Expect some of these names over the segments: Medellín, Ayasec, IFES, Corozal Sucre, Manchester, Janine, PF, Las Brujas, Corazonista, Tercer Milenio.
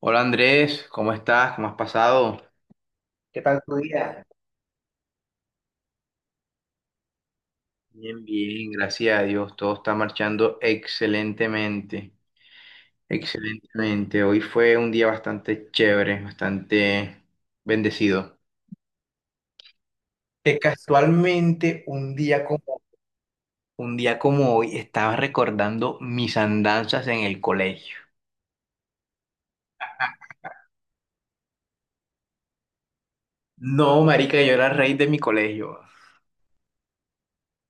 Hola Andrés, ¿cómo estás? ¿Cómo has pasado? ¿Qué tal tu día? Bien, bien, gracias a Dios. Todo está marchando excelentemente, excelentemente. Hoy fue un día bastante chévere, bastante bendecido. Que casualmente un día como... Un día como hoy estaba recordando mis andanzas en el colegio. No, marica, yo era el rey de mi colegio.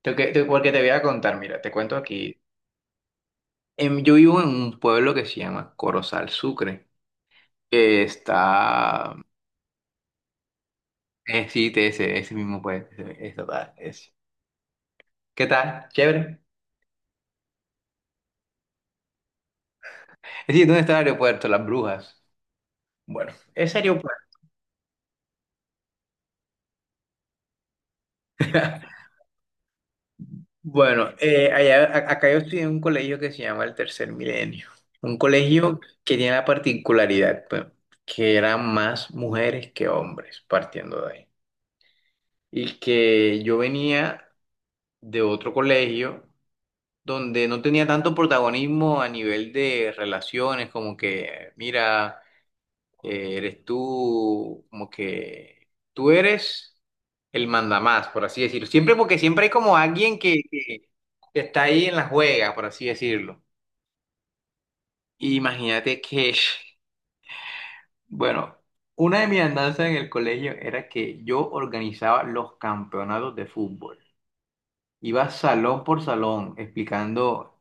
Porque te voy a contar, mira, te cuento aquí. Yo vivo en un pueblo que se llama Corozal Sucre. Está. Sí, de ese, ese mismo, pues. Ese, tal, ese. ¿Qué tal? ¿Chévere? Es decir, ¿dónde está el aeropuerto? Las Brujas. Bueno, ese aeropuerto. Bueno, allá, acá yo estudié en un colegio que se llama el Tercer Milenio. Un colegio que tiene la particularidad, pues, que eran más mujeres que hombres, partiendo de ahí. Y que yo venía de otro colegio donde no tenía tanto protagonismo a nivel de relaciones, como que, mira. Eres tú como que tú eres el mandamás, por así decirlo. Siempre porque siempre hay como alguien que está ahí en la juega, por así decirlo. Imagínate que, bueno, una de mis andanzas en el colegio era que yo organizaba los campeonatos de fútbol. Iba salón por salón explicando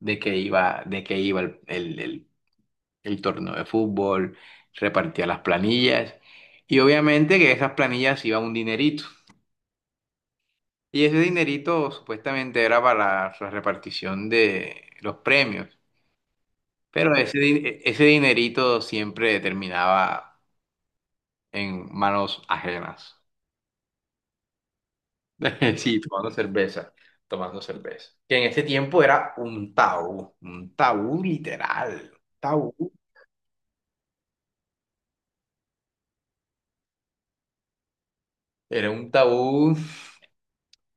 de qué iba el torneo de fútbol, repartía las planillas y obviamente que esas planillas iba un dinerito. Y ese dinerito supuestamente era para la repartición de los premios, pero ese dinerito siempre terminaba en manos ajenas. Sí, tomando cerveza, tomando cerveza. Que en ese tiempo era un tabú literal, tabú. Era un tabú.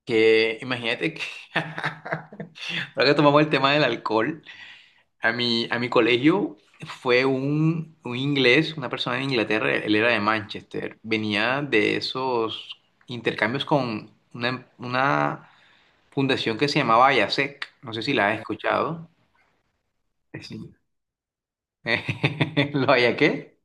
Que imagínate que, ahora que tomamos el tema del alcohol, a mi colegio fue un inglés, una persona de Inglaterra, él era de Manchester, venía de esos intercambios con una fundación que se llamaba Ayasec, no sé si la has escuchado. Sí. ¿Lo haya qué?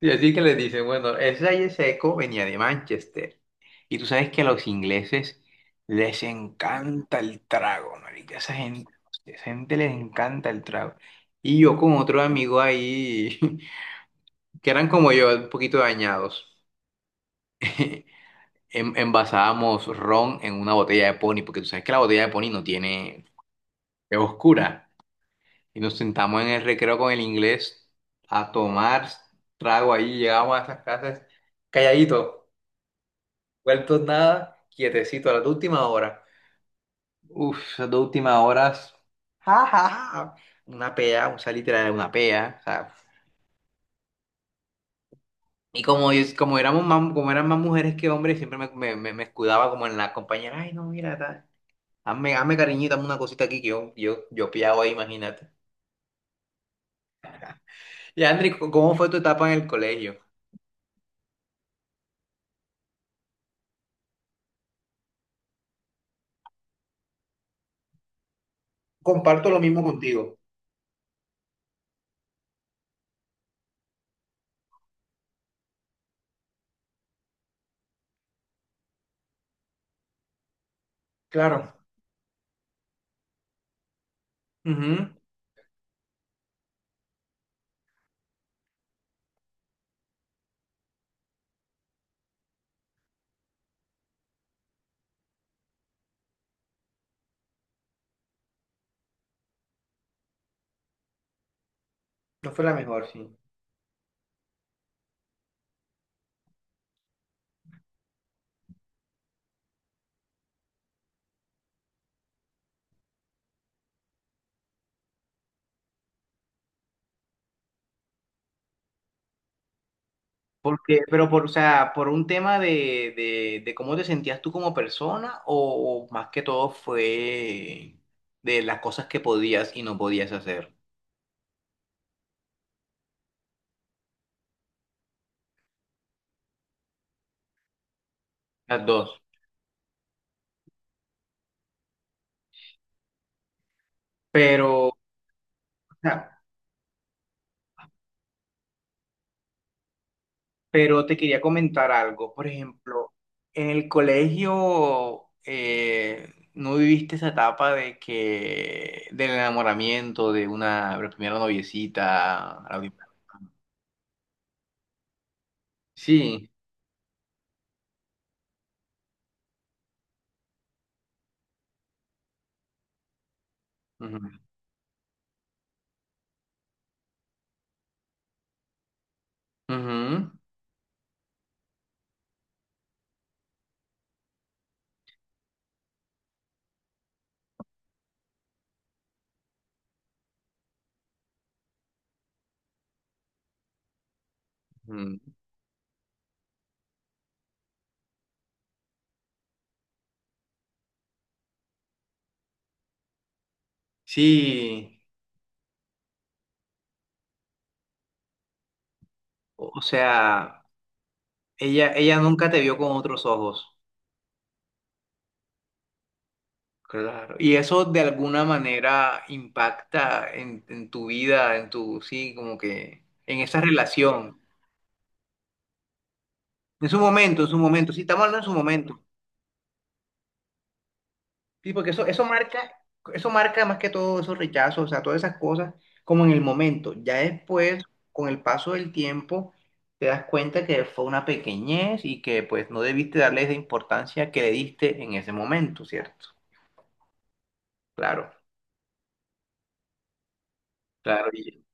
Y así que les dicen, bueno, ese aire seco venía de Manchester. Y tú sabes que a los ingleses les encanta el trago, marica. Esa gente les encanta el trago. Y yo con otro amigo ahí, que eran como yo, un poquito dañados, envasábamos ron en una botella de poni, porque tú sabes que la botella de poni no tiene, es oscura. Y nos sentamos en el recreo con el inglés a tomar trago ahí, llegábamos a esas casas calladito. Vueltos nada, quietecito a las dos últimas horas. Uf, esas dos últimas horas. Ja, ja, ja. Una pea, o sea, literal, una pea. O sea. Y como, como, éramos más, como eran más mujeres que hombres, siempre me escudaba como en la compañera. Ay, no, mira, tal. Hazme, hazme cariñito, hazme una cosita aquí que yo piado ahí, imagínate. Y Andri, ¿cómo fue tu etapa en el colegio? Comparto lo mismo contigo. Claro. Ujú. No fue la mejor, sí. Porque, pero por, o sea, por un tema de cómo te sentías tú como persona o más que todo fue de las cosas que podías y no podías hacer. Las dos. Pero, o sea, pero te quería comentar algo. Por ejemplo, en el colegio no viviste esa etapa de que del enamoramiento de una la primera noviecita. Sí. Ujú. Ujú. Ujú. Sí. O sea, ella nunca te vio con otros ojos. Claro. Y eso de alguna manera impacta en tu vida, en tu, sí, como que en esa relación. En su momento, sí, estamos hablando en su momento. Sí, porque eso, marca, eso marca más que todo esos rechazos, o sea, todas esas cosas, como en el momento. Ya después, con el paso del tiempo, te das cuenta que fue una pequeñez y que pues no debiste darle esa importancia que le diste en ese momento, ¿cierto? Claro. Claro,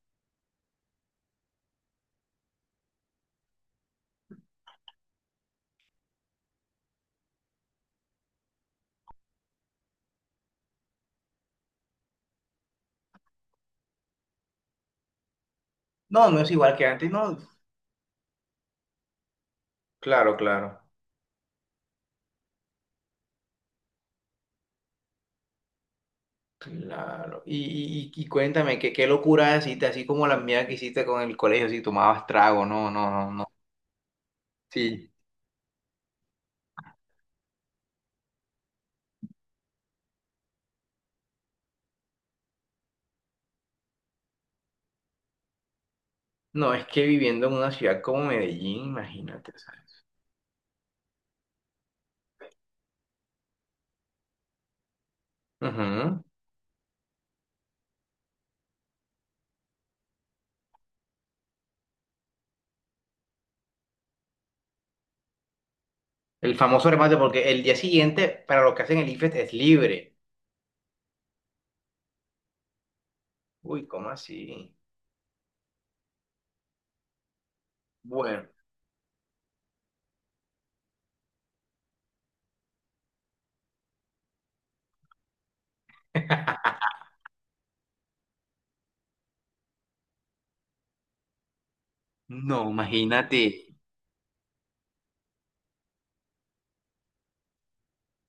no, no es igual que antes, no. Claro, claro, claro. Y cuéntame, ¿qué locura hiciste, así como la mía que hiciste con el colegio, si tomabas trago, no, no, no, no. Sí. No, es que viviendo en una ciudad como Medellín, imagínate, ¿sabes? Ujú. El famoso remate, porque el día siguiente, para los que hacen el IFES, es libre. Uy, ¿cómo así? Bueno, no, imagínate.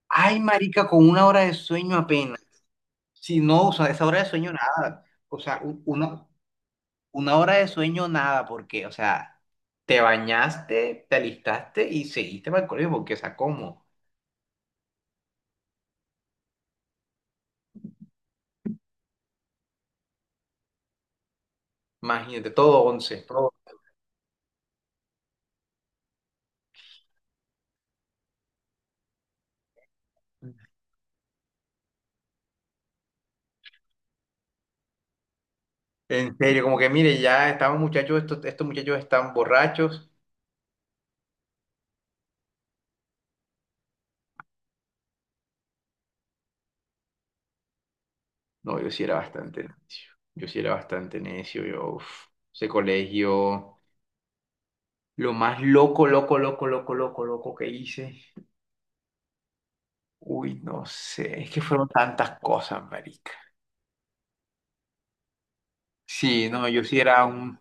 Ay, marica, con una hora de sueño apenas. Si no, o sea, esa hora de sueño nada. O sea, una hora de sueño, nada, porque, o sea, te bañaste, te alistaste y seguiste para el colegio, porque, o sea, ¿cómo? Imagínate, todo once, todo. En serio, como que, mire, ya estamos muchachos, estos muchachos están borrachos. No, yo sí era bastante necio. Yo sí era bastante necio, yo, uf, ese colegio, lo más loco, loco, loco, loco, loco, loco que hice. Uy, no sé, es que fueron tantas cosas, marica. Sí, no, yo sí era un.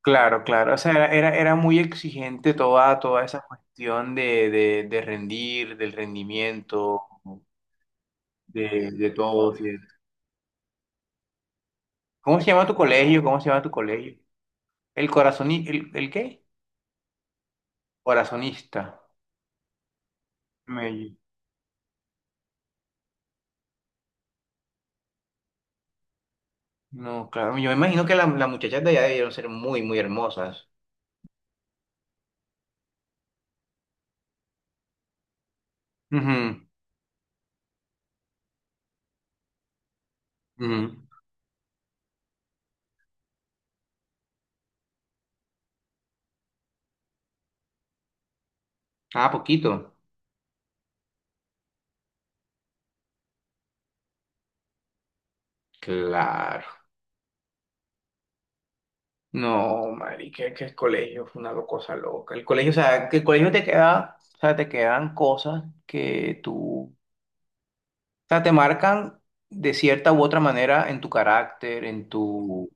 Claro, claro. O sea, era muy exigente toda esa cuestión de rendir, del rendimiento, de todo. Sí. ¿Cómo se llama tu colegio? ¿Cómo se llama tu colegio? ¿El corazoni, el qué? Corazonista. Me- no, claro. Yo me imagino que las muchachas de allá debieron ser muy, muy hermosas. Ujú, ujú. Ah, poquito. Claro. No, marica, que el colegio fue una cosa loca. El colegio, o sea, que el colegio te queda, o sea, te quedan cosas que tú, o sea, te marcan de cierta u otra manera en tu carácter, en tu,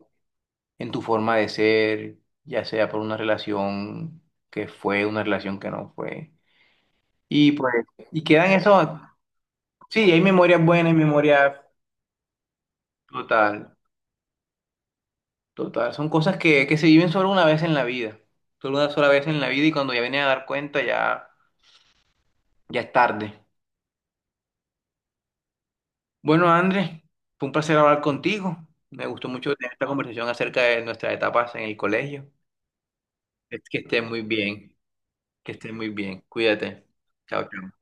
en tu forma de ser, ya sea por una relación que fue, una relación que no fue. Y pues, y quedan eso, sí, hay memorias buenas y memorias total, total. Son cosas que se viven solo una vez en la vida, solo una sola vez en la vida y cuando ya vienes a dar cuenta ya. Ya es tarde. Bueno, Andrés, fue un placer hablar contigo. Me gustó mucho tener esta conversación acerca de nuestras etapas en el colegio. Es que estés muy bien, que estés muy bien. Cuídate. Chao, chao.